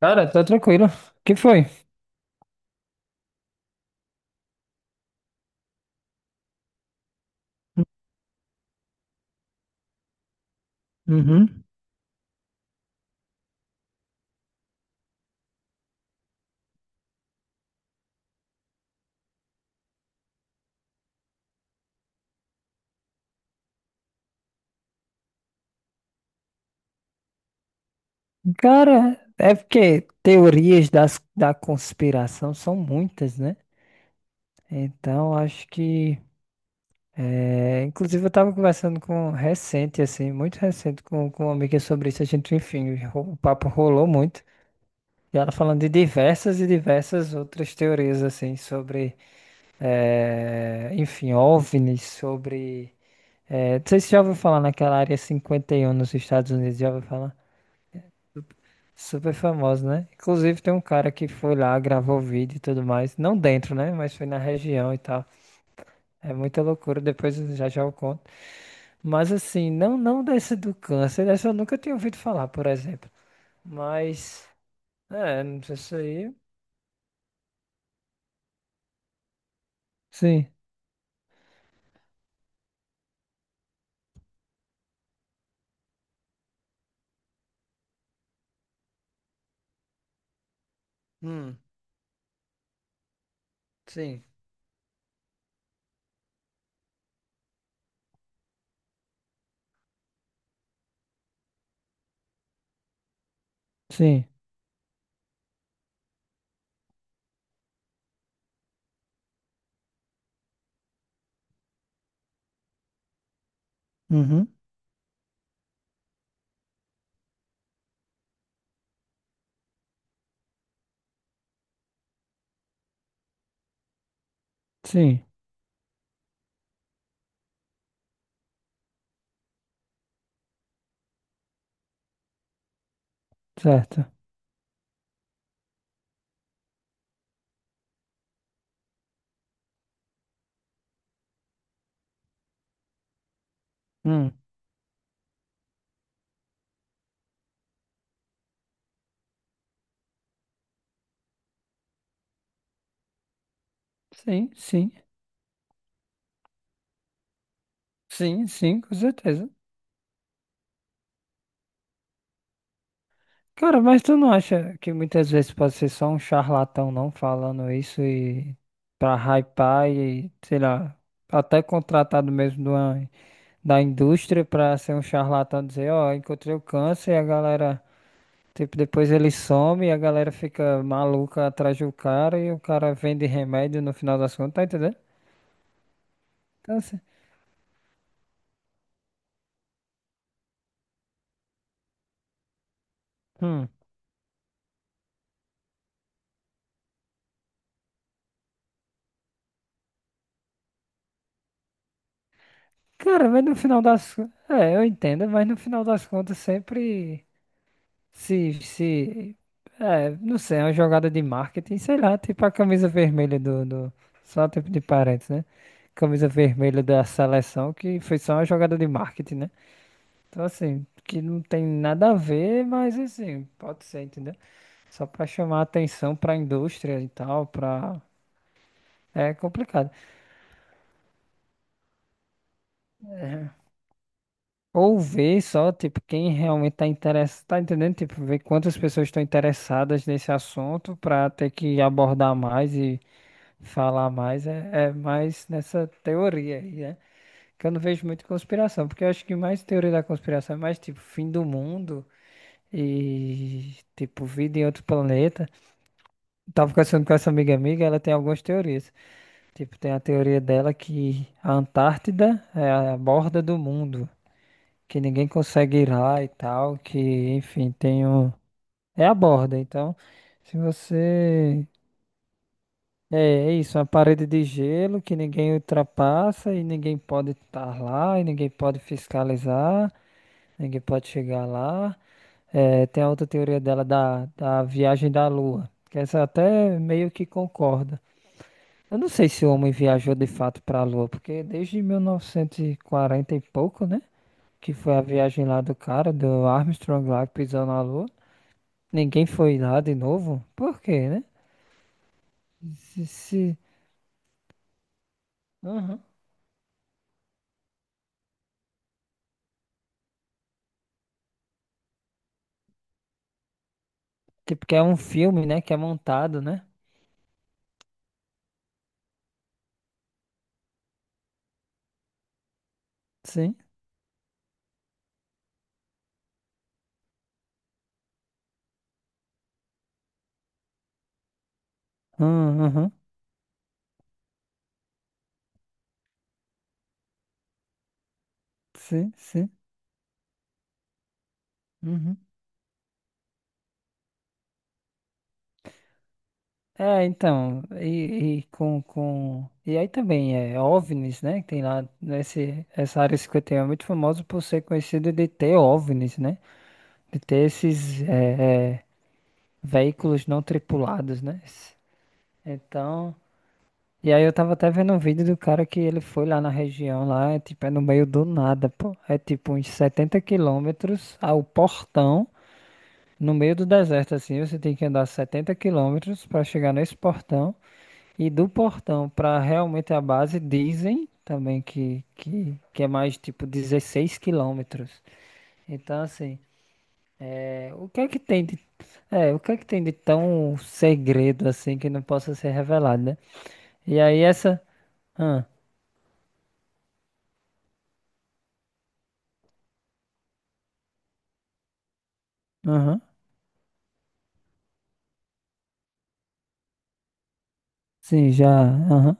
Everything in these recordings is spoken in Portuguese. Cara, tá tranquilo. O que foi? Uhum. Cara, é porque teorias da conspiração são muitas, né? Então, acho que. Inclusive, eu tava conversando com recente, assim, muito recente, com uma amiga sobre isso. A gente, enfim, o papo rolou muito. E ela falando de diversas e diversas outras teorias, assim, sobre. Enfim, OVNIs, sobre. Não sei se você já ouviu falar naquela área 51 nos Estados Unidos, já ouviu falar? Super famoso, né? Inclusive tem um cara que foi lá, gravou vídeo e tudo mais. Não dentro, né? Mas foi na região e tal. É muita loucura, depois eu já já eu conto. Mas assim, não desse do câncer, dessa eu nunca tinha ouvido falar, por exemplo. Mas, não sei se aí. Sim, hum, sim. Sim. Uhum. Sim, certo. Hum. Sim, sim. Sim, sim, com certeza. Cara, mas tu não acha que muitas vezes pode ser só um charlatão não falando isso e pra hypar e, sei lá, até contratado mesmo de da indústria pra ser um charlatão dizer, ó, encontrei o câncer e a galera, tipo, depois ele some e a galera fica maluca atrás do cara e o cara vende remédio no final das contas, tá entendendo? Então, assim, hum. Cara, mas no final das... É, eu entendo, mas no final das contas sempre... Se, não sei, é uma jogada de marketing, sei lá, tipo a camisa vermelha do, só tipo de parênteses, né? Camisa vermelha da seleção, que foi só uma jogada de marketing, né? Então, assim, que não tem nada a ver, mas assim, pode ser, entendeu? Só pra chamar atenção pra indústria e tal, pra. É complicado. É. Ou ver só, tipo, quem realmente tá interessado, tá entendendo? Tipo, ver quantas pessoas estão interessadas nesse assunto pra ter que abordar mais e falar mais é mais nessa teoria aí, né? Que eu não vejo muito conspiração, porque eu acho que mais teoria da conspiração é mais tipo fim do mundo e tipo vida em outro planeta. Eu tava conversando com essa amiga amiga, ela tem algumas teorias. Tipo, tem a teoria dela que a Antártida é a borda do mundo, que ninguém consegue ir lá e tal, que enfim, tem um... É a borda, então se você... É, é isso, uma parede de gelo que ninguém ultrapassa e ninguém pode estar lá, e ninguém pode fiscalizar, ninguém pode chegar lá. É, tem a outra teoria dela da viagem da Lua, que essa eu até meio que concorda. Eu não sei se o homem viajou de fato para a Lua, porque desde 1940 e quarenta e pouco, né? Que foi a viagem lá do cara, do Armstrong lá que pisou na Lua. Ninguém foi lá de novo. Por quê, né? Se... Tipo que é um filme, né? Que é montado, né? Sim. Uhum, sim, sim. Uhum. É, então, e E aí também é OVNIs, né? Que tem lá nesse, essa área 51 é muito famosa por ser conhecida de ter OVNIs, né? De ter esses veículos não tripulados, né? Então... E aí eu tava até vendo um vídeo do cara que ele foi lá na região, lá, é, tipo, é no meio do nada, pô. É tipo uns 70 quilômetros ao portão. No meio do deserto, assim, você tem que andar 70 quilômetros para chegar nesse portão. E do portão para realmente a base, dizem também que é mais tipo 16 quilômetros. Então, assim, é, o que é que tem de, o que é que tem de tão segredo assim que não possa ser revelado, né? E aí essa. Ah, aham, sim, já. Aham.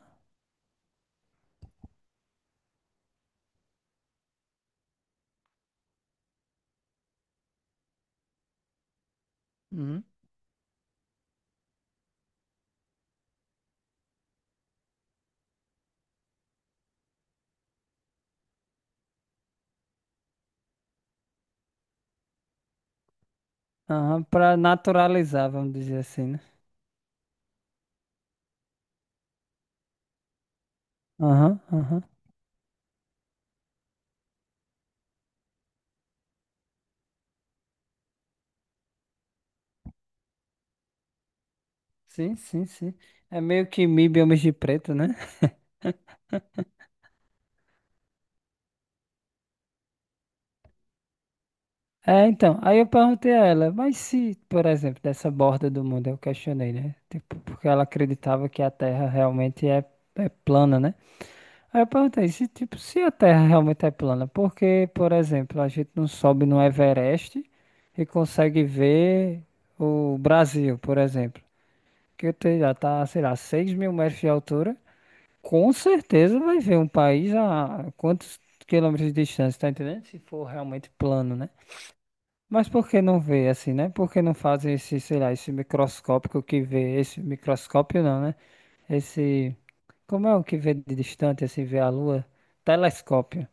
Uhum. Aham, para naturalizar, vamos dizer assim, né? Aham, aham. Sim, sim, sim. É meio que MIB homens de preto, né? É, então, aí eu perguntei a ela, mas se, por exemplo, dessa borda do mundo, eu questionei, né? Tipo, porque ela acreditava que a Terra realmente é plana, né? Aí eu perguntei, se, tipo, se a Terra realmente é plana, por que, por exemplo, a gente não sobe no Everest e consegue ver o Brasil, por exemplo? Já tá, sei lá, 6 mil metros de altura. Com certeza vai ver um país a quantos quilômetros de distância, tá entendendo? Se for realmente plano, né? Mas por que não vê assim, né? Por que não fazem esse, sei lá, esse microscópico que vê, esse microscópio não, né? Esse, como é o que vê de distante, assim, vê a lua? Telescópio,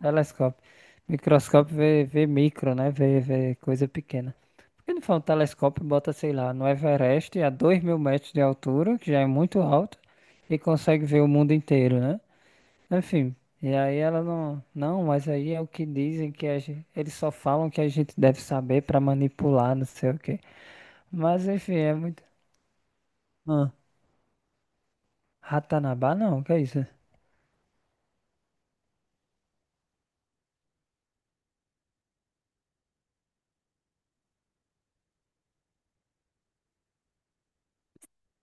telescópio. Microscópio vê, vê micro, né? Vê, vê coisa pequena. Por que não faz um telescópio e bota, sei lá, no Everest a 2.000 metros de altura, que já é muito alto, e consegue ver o mundo inteiro, né? Enfim, e aí ela não, não, mas aí é o que dizem que a gente, eles só falam que a gente deve saber pra manipular, não sei o quê. Mas enfim, é muito. Ah, Ratanabá não, que é isso?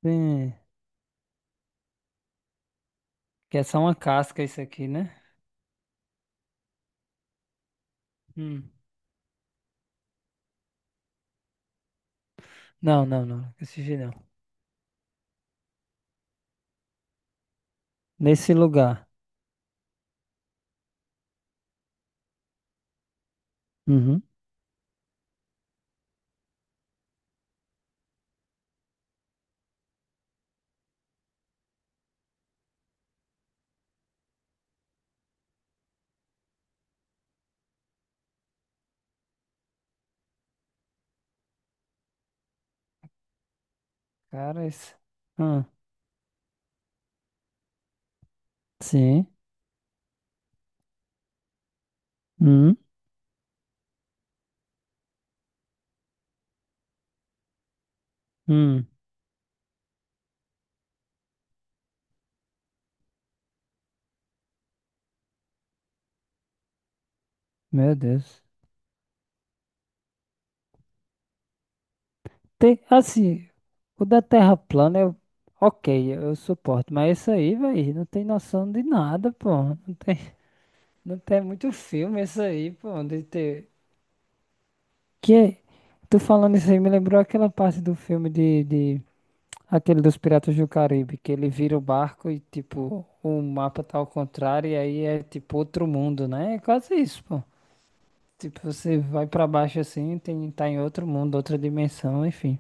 Sim, que é só uma casca isso aqui, né? Hum. Não, não, não, esse jeito não. Nesse lugar. Uhum. Cara, isso. Ah, sim. Hum, hum. Meu Deus. Tem, assim, o da Terra plana, eu, ok, eu suporto, mas isso aí, velho, não tem noção de nada, pô. Não tem, não tem é muito filme isso aí, pô, de ter... Que, é, Tu falando isso aí, me lembrou aquela parte do filme Aquele dos Piratas do Caribe, que ele vira o barco e, tipo, o mapa tá ao contrário e aí é, tipo, outro mundo, né? É quase isso, pô. Tipo, você vai pra baixo assim, tá em outro mundo, outra dimensão, enfim.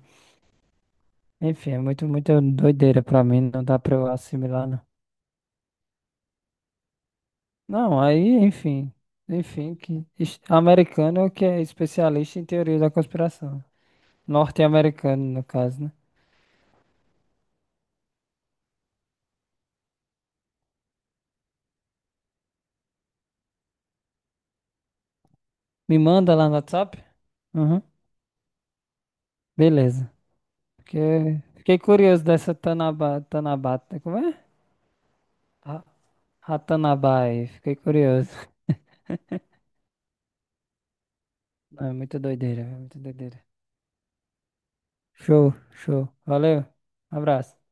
Enfim, é muito, muito doideira pra mim, não dá pra eu assimilar, não. Não, aí, enfim. Enfim, que americano que é especialista em teoria da conspiração. Norte-americano, no caso, né? Me manda lá no WhatsApp? Uhum. Beleza. Porque fiquei curioso dessa Tanaba, Tanabata, como é? Ra- Ratanabai, fiquei curioso. Não, é muito doideira, é muito doideira. Show, show. Valeu. Abraço.